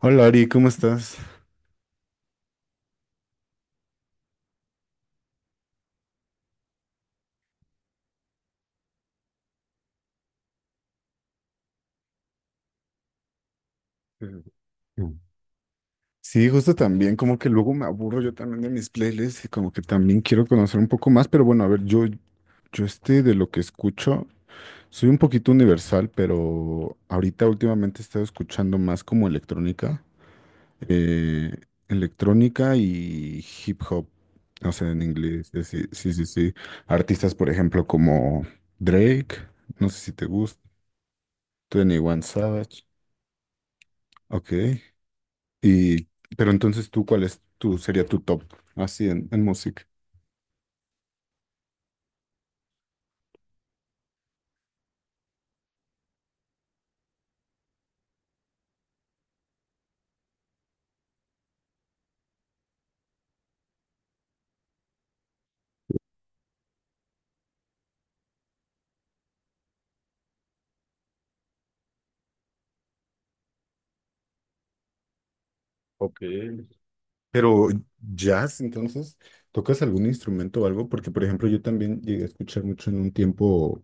Hola Ari, ¿cómo estás? Mm. Sí, justo también, como que luego me aburro yo también de mis playlists y como que también quiero conocer un poco más, pero bueno, a ver, yo este de lo que escucho, soy un poquito universal, pero ahorita últimamente he estado escuchando más como electrónica, eh, electrónica y hip hop, o sea, en inglés, sí, sí, sí, sí. Artistas, por ejemplo, como Drake, no sé si te gusta, Twenty One Savage, ok. Y, pero entonces tú, ¿cuál sería tu top así en música? Ok. Pero jazz, entonces, ¿tocas algún instrumento o algo? Porque, por ejemplo, yo también llegué a escuchar mucho en un tiempo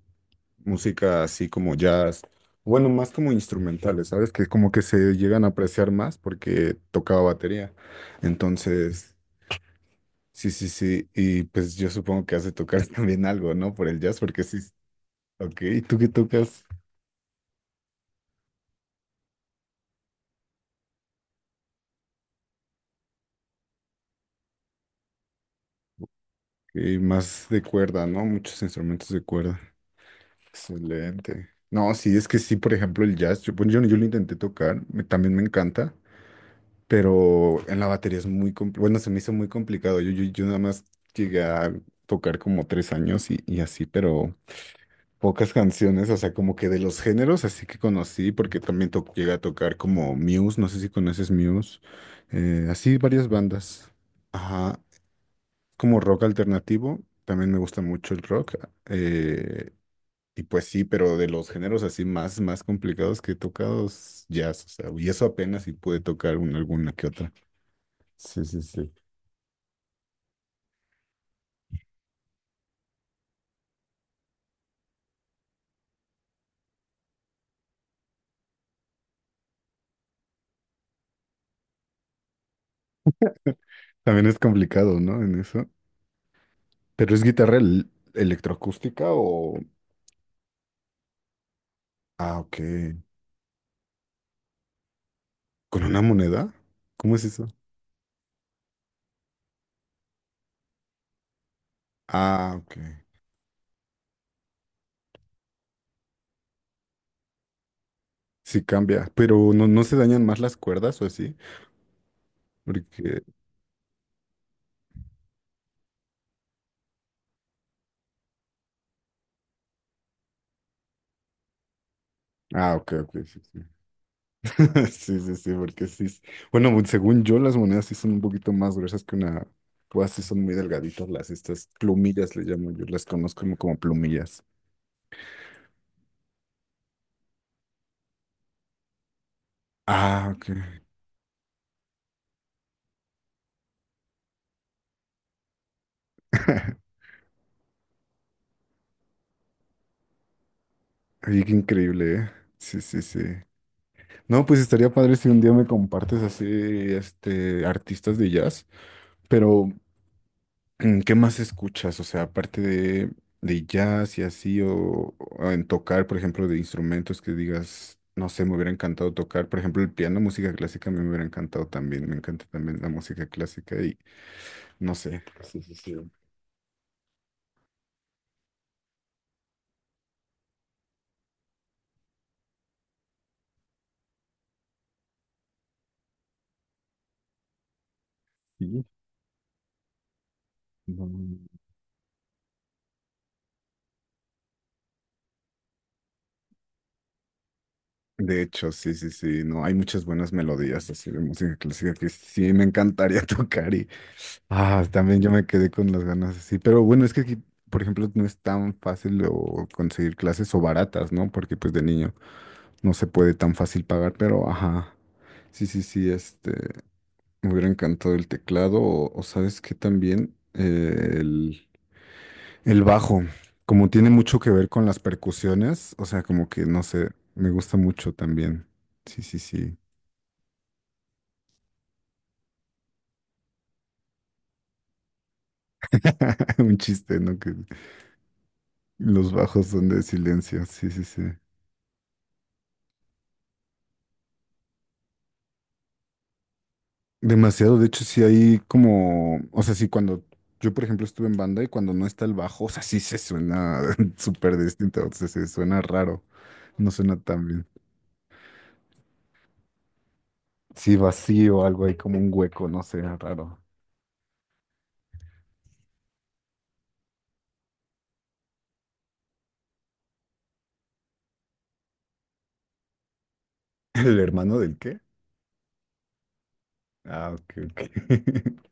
música así como jazz, bueno, más como instrumentales, ¿sabes? Que como que se llegan a apreciar más porque tocaba batería. Entonces, sí, sí, sí, y pues yo supongo que has de tocar también algo, ¿no? Por el jazz, porque sí, ok, ¿y tú qué tocas? Y más de cuerda, ¿no? Muchos instrumentos de cuerda. Excelente. No, sí, es que sí, por ejemplo, el jazz, yo, pues, yo lo intenté tocar, también me encanta, pero en la batería es muy complicado, bueno, se me hizo muy complicado, yo nada más llegué a tocar como 3 años y así, pero pocas canciones, o sea, como que de los géneros, así que conocí, porque también llegué a tocar como Muse, no sé si conoces Muse, así varias bandas. Ajá, como rock alternativo, también me gusta mucho el rock. eh, y pues sí, pero de los géneros así más, más complicados que he tocado es jazz, o sea, y eso apenas si pude tocar alguna que otra. Sí, sí, sí. También es complicado, ¿no? En eso. ¿Pero es guitarra electroacústica o...? Ah, ok. ¿Con una moneda? ¿Cómo es eso? Ah, ok. Sí cambia, pero no, no se dañan más las cuerdas o así, porque... Ah, ok, ok, sí, sí. Sí, sí, sí, porque sí. Bueno, según yo, las monedas sí son un poquito más gruesas que una. Pues sí son muy delgaditas estas plumillas le llamo yo, las conozco como plumillas. Ah, ok. Oye, qué increíble, ¿eh? Sí, sí, sí. No, pues estaría padre si un día me compartes así, este, artistas de jazz, pero ¿qué más escuchas? O sea, aparte de jazz y así, o en tocar, por ejemplo, de instrumentos que digas, no sé, me hubiera encantado tocar. Por ejemplo, el piano, música clásica, a mí me hubiera encantado también. Me encanta también la música clásica y no sé. Sí, sí, sí. Sí, no, de hecho, sí, sí, sí, no, hay muchas buenas melodías así de música clásica que sí me encantaría tocar. Ah, también yo me quedé con las ganas así. Pero bueno, es que aquí, por ejemplo, no es tan fácil o conseguir clases o baratas, ¿no? Porque pues de niño no se puede tan fácil pagar, pero ajá. Sí, sí, sí, este, me hubiera encantado el teclado o sabes que también el bajo, como tiene mucho que ver con las percusiones, o sea, como que no sé, me gusta mucho también. Sí, sí, sí. Un chiste, ¿no? Que los bajos son de silencio. Sí, sí, sí. Demasiado, de hecho, sí hay como, o sea, sí, cuando yo, por ejemplo, estuve en banda y cuando no está el bajo, o sea, sí se suena súper distinto, o sea, se suena raro, no suena tan bien. Sí, vacío, algo ahí como un hueco, no sé, raro. ¿El hermano del qué? Ah, ok, ok.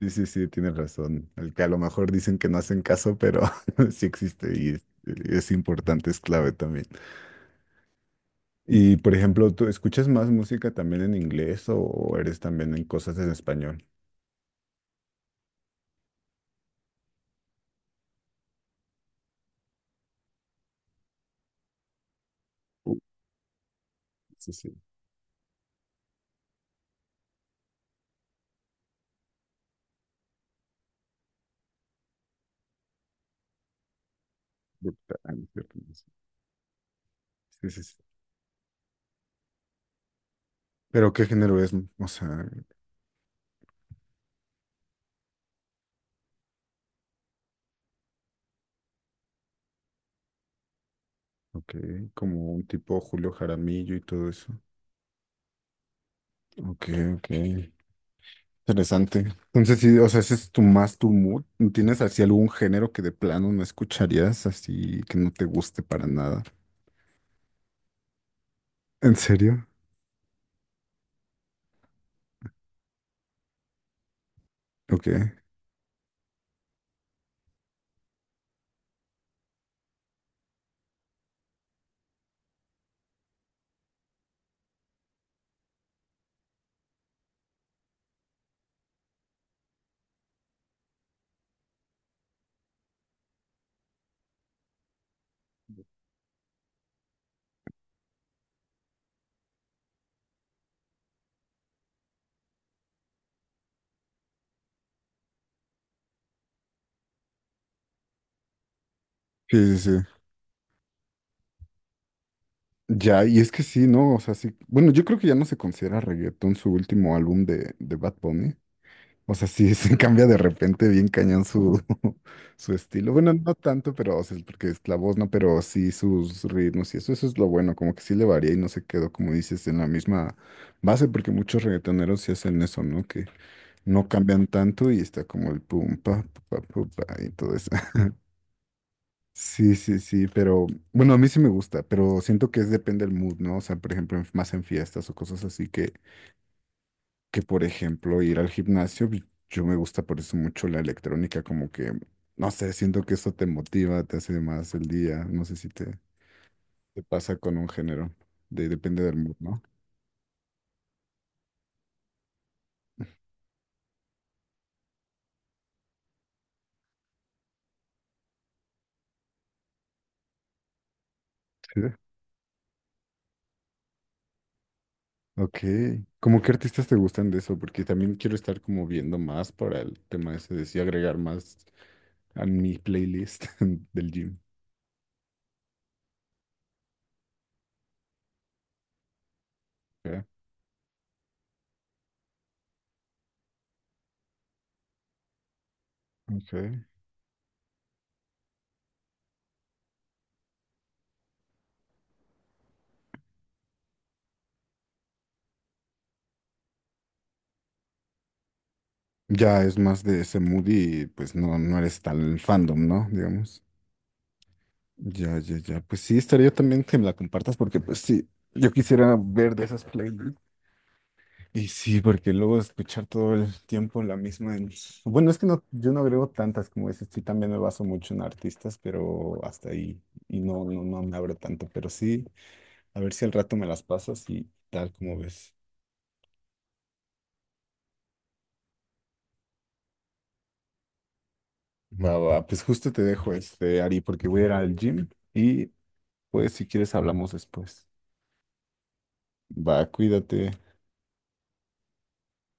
Sí, sí, sí, tienes razón. El que a lo mejor dicen que no hacen caso, pero sí existe y es, importante, es clave también. Y, por ejemplo, ¿tú escuchas más música también en inglés o eres también en cosas en español? Sí, sí. Brutal, ¿no es cierto? No sé. Sí, sí, sí. Pero ¿qué género es? O sea, ok, como un tipo Julio Jaramillo y todo eso. Ok, ok. Interesante. Entonces, sí, o sea, ese es tu más tu mood. ¿Tienes así algún género que de plano no escucharías, así que no te guste para nada? ¿En serio? Ok. Sí, sí, sí. Ya, y es que sí, ¿no? O sea, sí. Bueno, yo creo que ya no se considera reggaetón su último álbum de Bad Bunny. O sea, sí, se cambia de repente bien cañón su, su estilo. Bueno, no tanto, pero, o sea, porque es la voz, ¿no? Pero sí sus ritmos y eso es lo bueno, como que sí le varía y no se quedó, como dices, en la misma base, porque muchos reggaetoneros sí hacen eso, ¿no? Que no cambian tanto y está como el pum, pa, pa, pa, pa, y todo eso. Sí, sí, sí, pero bueno, a mí sí me gusta, pero siento que es depende del mood, ¿no? O sea, por ejemplo, más en fiestas o cosas así que por ejemplo, ir al gimnasio, pues, yo me gusta por eso mucho la electrónica, como que, no sé, siento que eso te motiva, te hace más el día, no sé si te pasa con un género, depende del mood, ¿no? Sí. Ok, ¿cómo qué artistas te gustan de eso? Porque también quiero estar como viendo más para el tema ese de sí agregar más a mi playlist del gym. ¿Verdad? Ok. Ya es más de ese mood y pues no, no eres tan fandom, ¿no? Digamos. Ya, ya, ya. Pues sí, estaría también que me la compartas porque pues sí, yo quisiera ver de esas playlists. Y sí, porque luego escuchar todo el tiempo la misma. Bueno, es que no, yo no agrego tantas como dices, sí, también me baso mucho en artistas, pero hasta ahí. Y no, no, no me abro tanto, pero sí, a ver si al rato me las pasas y tal como ves. Va, va, pues justo te dejo este, Ari, porque voy a ir al gym y pues si quieres hablamos después. Va, cuídate.